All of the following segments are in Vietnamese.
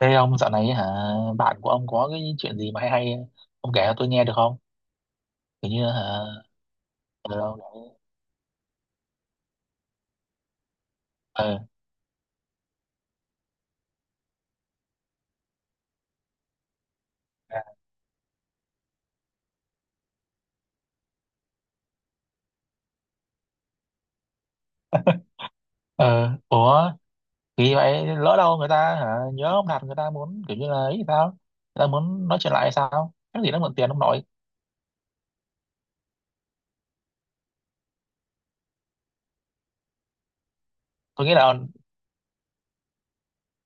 Thế ông dạo này bạn của ông có cái chuyện gì mà hay hay ông kể cho tôi nghe được không? Kiểu như hả ờ ông nói- ờ ờ ủa Thì vậy lỡ đâu người ta nhớ ông đặt người ta muốn kiểu như là ấy thì sao? Người ta muốn nói chuyện lại hay sao? Cái gì nó mượn tiền ông nội. Tôi nghĩ là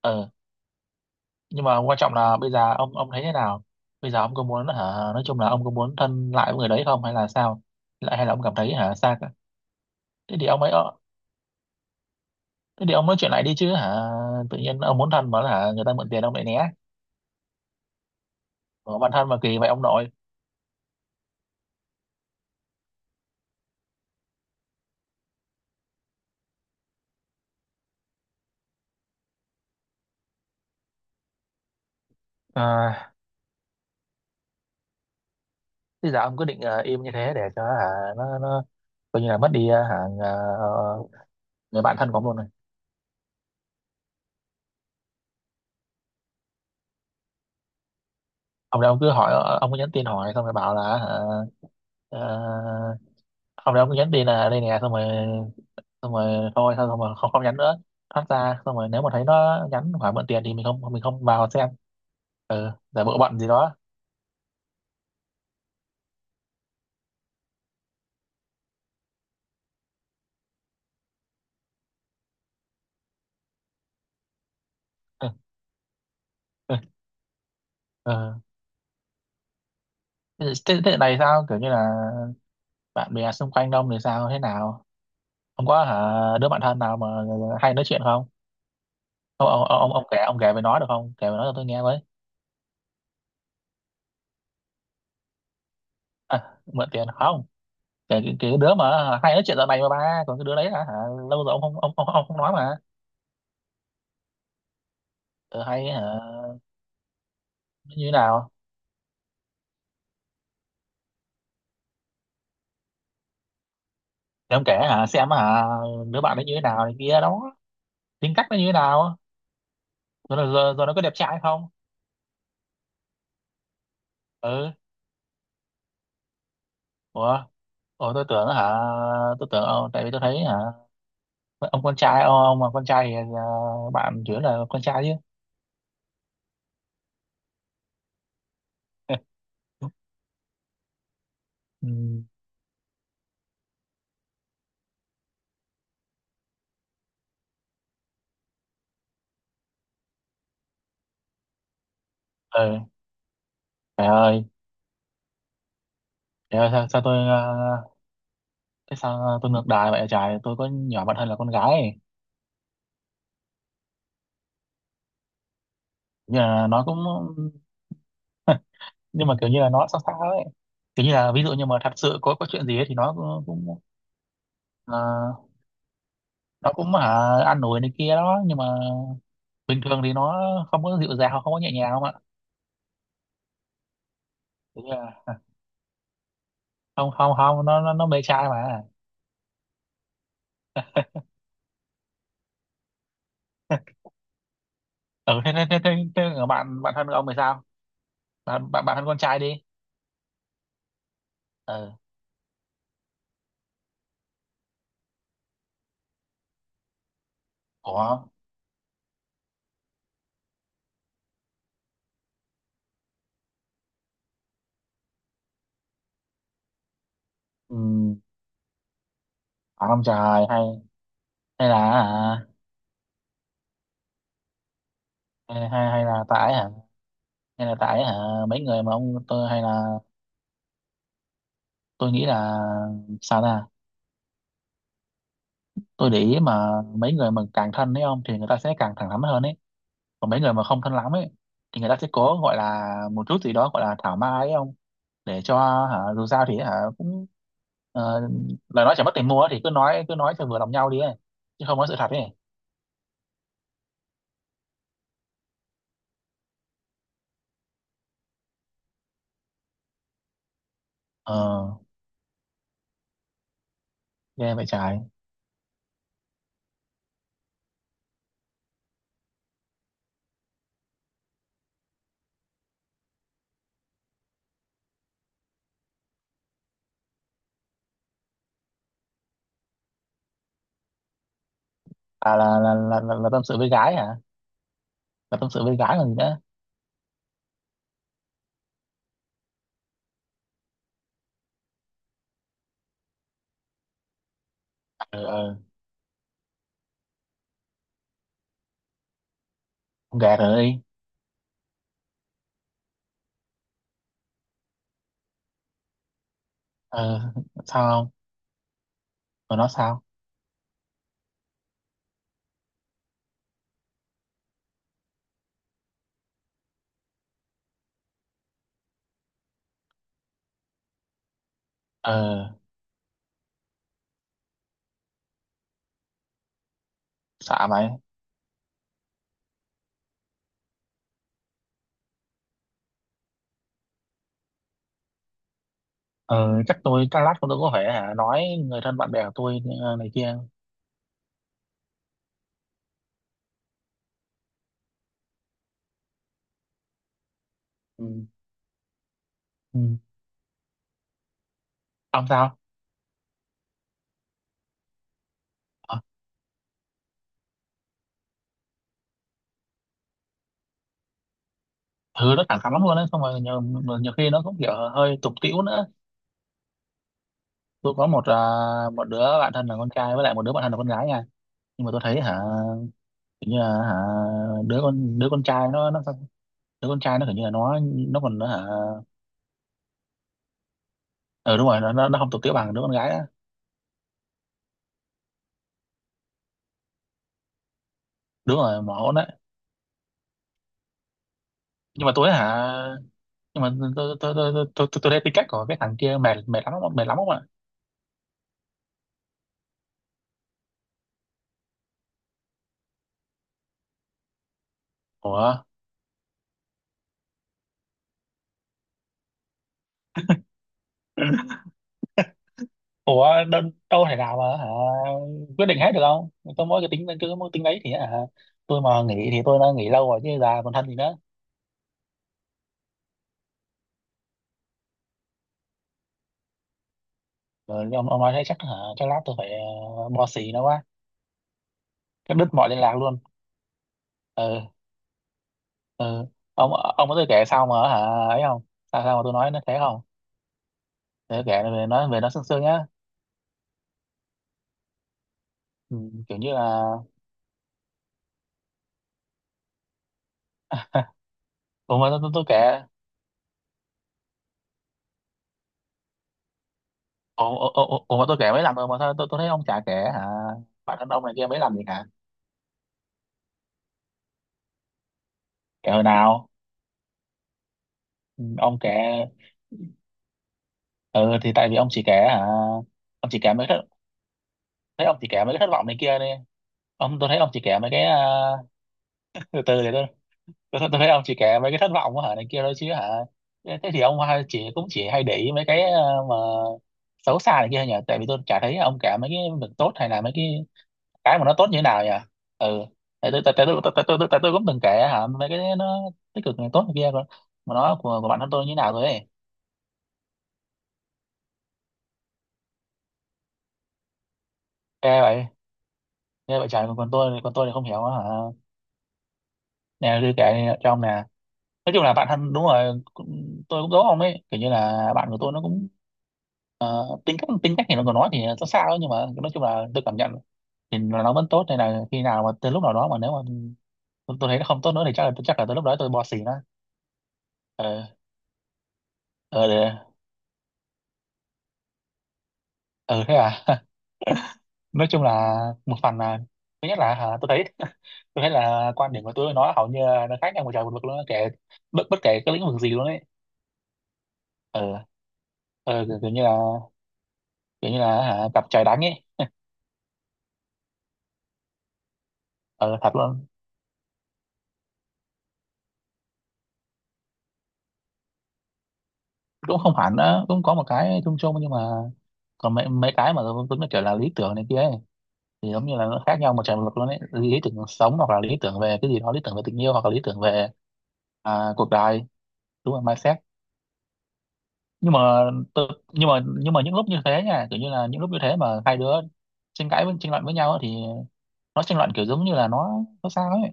ờ nhưng mà quan trọng là bây giờ ông thấy thế nào? Bây giờ ông có muốn nói chung là ông có muốn thân lại với người đấy không hay là sao? Lại hay là ông cảm thấy xa cả? Thế thì ông ấy ờ, Thế thì ông nói chuyện lại đi chứ tự nhiên ông muốn thân mà người ta mượn tiền ông lại né. Ủa, bản thân mà kỳ vậy ông nội. à, Thế giờ ông cứ định im như thế để cho hả nó coi như là mất đi ờ, người bạn thân của ông luôn này. Ông cứ hỏi, ông cứ nhắn tin hỏi xong rồi bảo là ờ, ông đây ông cứ nhắn tin là đây nè xong rồi, xong rồi thôi, xong xong rồi không không nhắn nữa, thoát ra xong rồi nếu mà thấy nó nhắn hỏi mượn tiền thì mình không vào xem. Ừ, giả bộ bận gì đó. Ừ, ừ. Thế thế này sao kiểu như là bạn bè xung quanh đông thì sao thế nào? Ông có đứa bạn thân nào mà hay nói chuyện không? Ông kể về nó được không? Kể về nó cho tôi nghe với. À, mượn tiền không? Kể cái đứa mà hay nói chuyện dạo này mà ba, còn cái đứa đấy hả? Lâu rồi ông không nói mà. Ừ, hay hả? Nó như thế nào? Để ông kể xem đứa bạn nó như thế nào này kia đó, tính cách nó như thế nào, rồi nó có đẹp trai không? Ừ. Ủa, ủa tôi tưởng tôi tưởng ông, tại vì tôi thấy hả, ông mà con trai thì bạn chủ yếu là con trai chứ. Ừ. Ê, mẹ ơi, mẹ ơi sao, sao tôi ờ, cái sao tôi ngược đài vậy trời, tôi có nhỏ bạn thân là con gái ấy. Như là nó cũng, nhưng mà kiểu như là nó sao sao ấy. Kiểu như là ví dụ như mà thật sự có chuyện gì ấy, thì ờ, nó cũng ăn nổi này kia đó, nhưng mà bình thường thì nó không có dịu dàng, không có nhẹ nhàng không ạ. Kiểu như là không không không nó mê trai mà. Ừ thế thế thế thế, thế ở bạn bạn thân ông thì sao? Bạn bạn bạn thân con trai đi. Ừ. Ủa. Ừ. Phải không trời, hay hay là hay hay hay là tại hả, là tại mấy người mà ông tôi hay là tôi nghĩ là, sao ta, tôi để ý mà mấy người mà càng thân ấy ông thì người ta sẽ càng thẳng thắn hơn ấy, còn mấy người mà không thân lắm ấy thì người ta sẽ cố gọi là một chút gì đó gọi là thảo mai ấy ông, để cho dù sao thì cũng, ờ, lời nói chẳng mất tiền mua ấy, thì cứ nói cho vừa lòng nhau đi ấy chứ không có sự thật ấy. Ờ, ghê vậy trái. À là là tâm sự với gái hả? Là tâm sự với gái còn gì nữa. Ờ ờ, không gạt rồi đi. Ờ, sao không? Rồi nó sao? Ờ, xạ mày. Ờ, chắc tôi chắc lát tôi có phải nói người thân bạn bè của tôi này kia. Ừ. Ừ. Ông sao? Ờ, thứ nó thẳng thắn lắm luôn đấy, xong rồi nhiều, nhiều khi nó cũng kiểu hơi tục tĩu nữa. Tôi có một một đứa bạn thân là con trai với lại một đứa bạn thân là con gái nha, nhưng mà tôi thấy kiểu như là hả đứa con trai nó, đứa con trai nó kiểu như là nó còn hả ờ đúng rồi, nó không tục tĩu bằng đứa con gái á. Đúng rồi mà hỗn đấy. Nhưng mà tôi nhưng mà tôi thấy tính cách của cái thằng kia mệt, mệt lắm không ạ? Ủa ủa đâu, đâu thể nào mà quyết định hết được không? Tôi mỗi cái tính cứ mỗi tính đấy thì tôi mà nghỉ thì tôi đã nghỉ lâu rồi chứ già còn thân gì nữa. Rồi ông nói thế chắc chắc lát tôi phải bo xì nó quá, cắt đứt mọi liên lạc luôn. Ừ. Ừ. Ông có tôi kể sao mà ấy không, sao sao mà tôi nói nó thế không, để kể về nó, về nó sương sương nhá. Ừ, kiểu như là. Ủa mà tôi kể, ủa mà tôi kể mấy lần rồi mà sao tôi thấy ông chả kể bản thân ông này kia mấy lần gì hả. Kể hồi nào? Ừ, ông kể. Ừ thì tại vì ông chỉ kể hả ông chỉ kể mấy cái thất- thấy ông chỉ kể mấy cái thất vọng này kia đi, ông tôi thấy ông chỉ kể mấy cái à, từ từ để tôi thấy ông chỉ kể mấy cái thất vọng này kia thôi chứ thế thế thì ông hay- chỉ cũng chỉ hay để ý mấy cái à, mà xấu xa này kia nhỉ, tại vì tôi chả thấy ông kể mấy cái việc tốt hay là mấy cái mà nó tốt như thế nào nhỉ. Ừ, tại tôi cũng từng kể mấy cái nó tích cực này tốt này kia, còn mà nó của bản thân tôi như thế nào rồi ấy. Ghê vậy. Ghê vậy trời, còn còn tôi thì không hiểu á hả. Nè tôi kể này, cho ông nè. Nói chung là bạn thân đúng rồi cũng- tôi cũng giấu ông ấy, kiểu như là bạn của tôi nó cũng, tính cách thì nó còn nói thì sao sao ấy, nhưng mà nói chung là tôi cảm nhận thì nó vẫn tốt, nên là khi nào mà từ lúc nào đó mà nếu mà tôi thấy nó không tốt nữa thì chắc là tới lúc đó tôi bỏ xỉ nó. ờ ờ để- ờ Thế à? Nói chung là một phần là thứ nhất là tôi thấy tôi thấy là quan điểm của tôi với nó hầu như là nó khác nhau một trời một vực luôn á, kể bất bất kể cái lĩnh vực gì luôn ấy. Ờ ờ kiểu, kiểu như là kiểu như là cặp trời đánh ấy. Ờ, thật luôn. Cũng không hẳn đó, cũng có một cái chung chung, nhưng mà còn mấy mấy cái mà tôi nó kiểu là lý tưởng này kia ấy thì giống như là nó khác nhau một trời một vực luôn ấy, lý tưởng cuộc sống hoặc là lý tưởng về cái gì đó, lý tưởng về tình yêu, hoặc là lý tưởng về cuộc đời. Đúng rồi, mindset. Nhưng mà tự, nhưng mà những lúc như thế nha, kiểu như là những lúc như thế mà hai đứa tranh cãi, với tranh luận với nhau á, thì nó tranh luận kiểu giống như là nó sao ấy,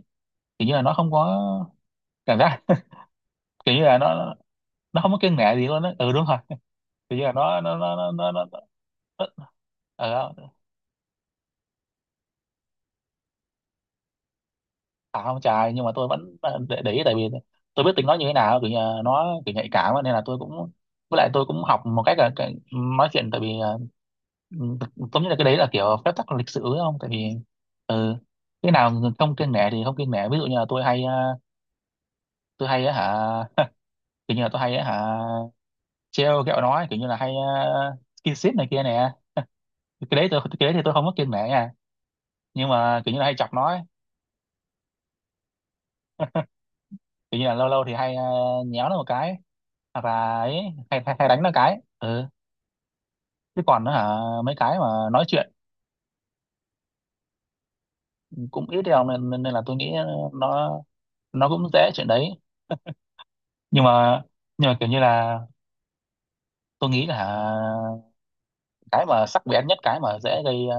kiểu như là nó không có cảm giác, kiểu như là nó không có kiêng nể gì luôn á, ừ đúng rồi, kiểu như là nó, ờ, À không trời, nhưng mà tôi vẫn để ý, tại vì tôi biết tính nó như thế nào, kiểu như là nó kiểu nhạy cảm á, nên là tôi cũng, với lại tôi cũng học một cách là cái, nói chuyện, tại vì giống như là cái đấy là kiểu phép tắc lịch sử ấy không, tại vì ừ, cái nào không kiêng nể thì không kiêng nể. Ví dụ như là tôi hay ờ, tôi hay á hả kiểu như là tôi hay á hả trêu ghẹo nói kiểu như là hay skin ship này kia nè, cái đấy tôi cái đấy thì tôi không có kiêng nể nha. Nhưng mà kiểu như là hay chọc nói kiểu như là lâu lâu thì hay nhéo nó một cái. À, và ấy hay đánh nó cái. Ừ, chứ còn nó mấy cái mà nói chuyện cũng ít đâu, nên, nên là tôi nghĩ nó nó cũng dễ chuyện đấy. Nhưng mà nhưng mà kiểu như là tôi nghĩ là cái mà sắc bén nhất, cái mà dễ gây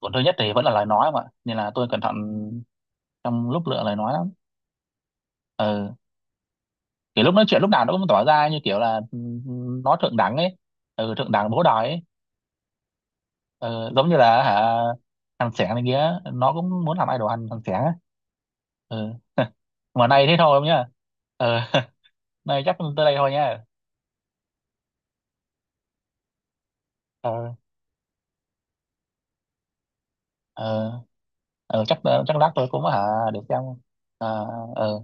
tổn thương nhất thì vẫn là lời nói mà, nên là tôi cẩn thận trong lúc lựa lời nói lắm. Ừ, kiểu lúc nói chuyện lúc nào nó cũng tỏ ra như kiểu là nó thượng đẳng ấy. Ừ, thượng đẳng bố đòi ấy. Ờ, giống như là thằng Sẻng này kia, nó cũng muốn làm idol thằng thằng Sẻng á. Ừ. Mà nay thế thôi không nhá. Ờ. Nay chắc tới đây thôi nha. Ờ. Ờ, ờ, chắc chắc lát tôi cũng để xem. Ờ. Ờ,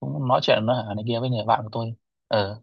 cũng nói chuyện nó này kia với người bạn của tôi. Ờ.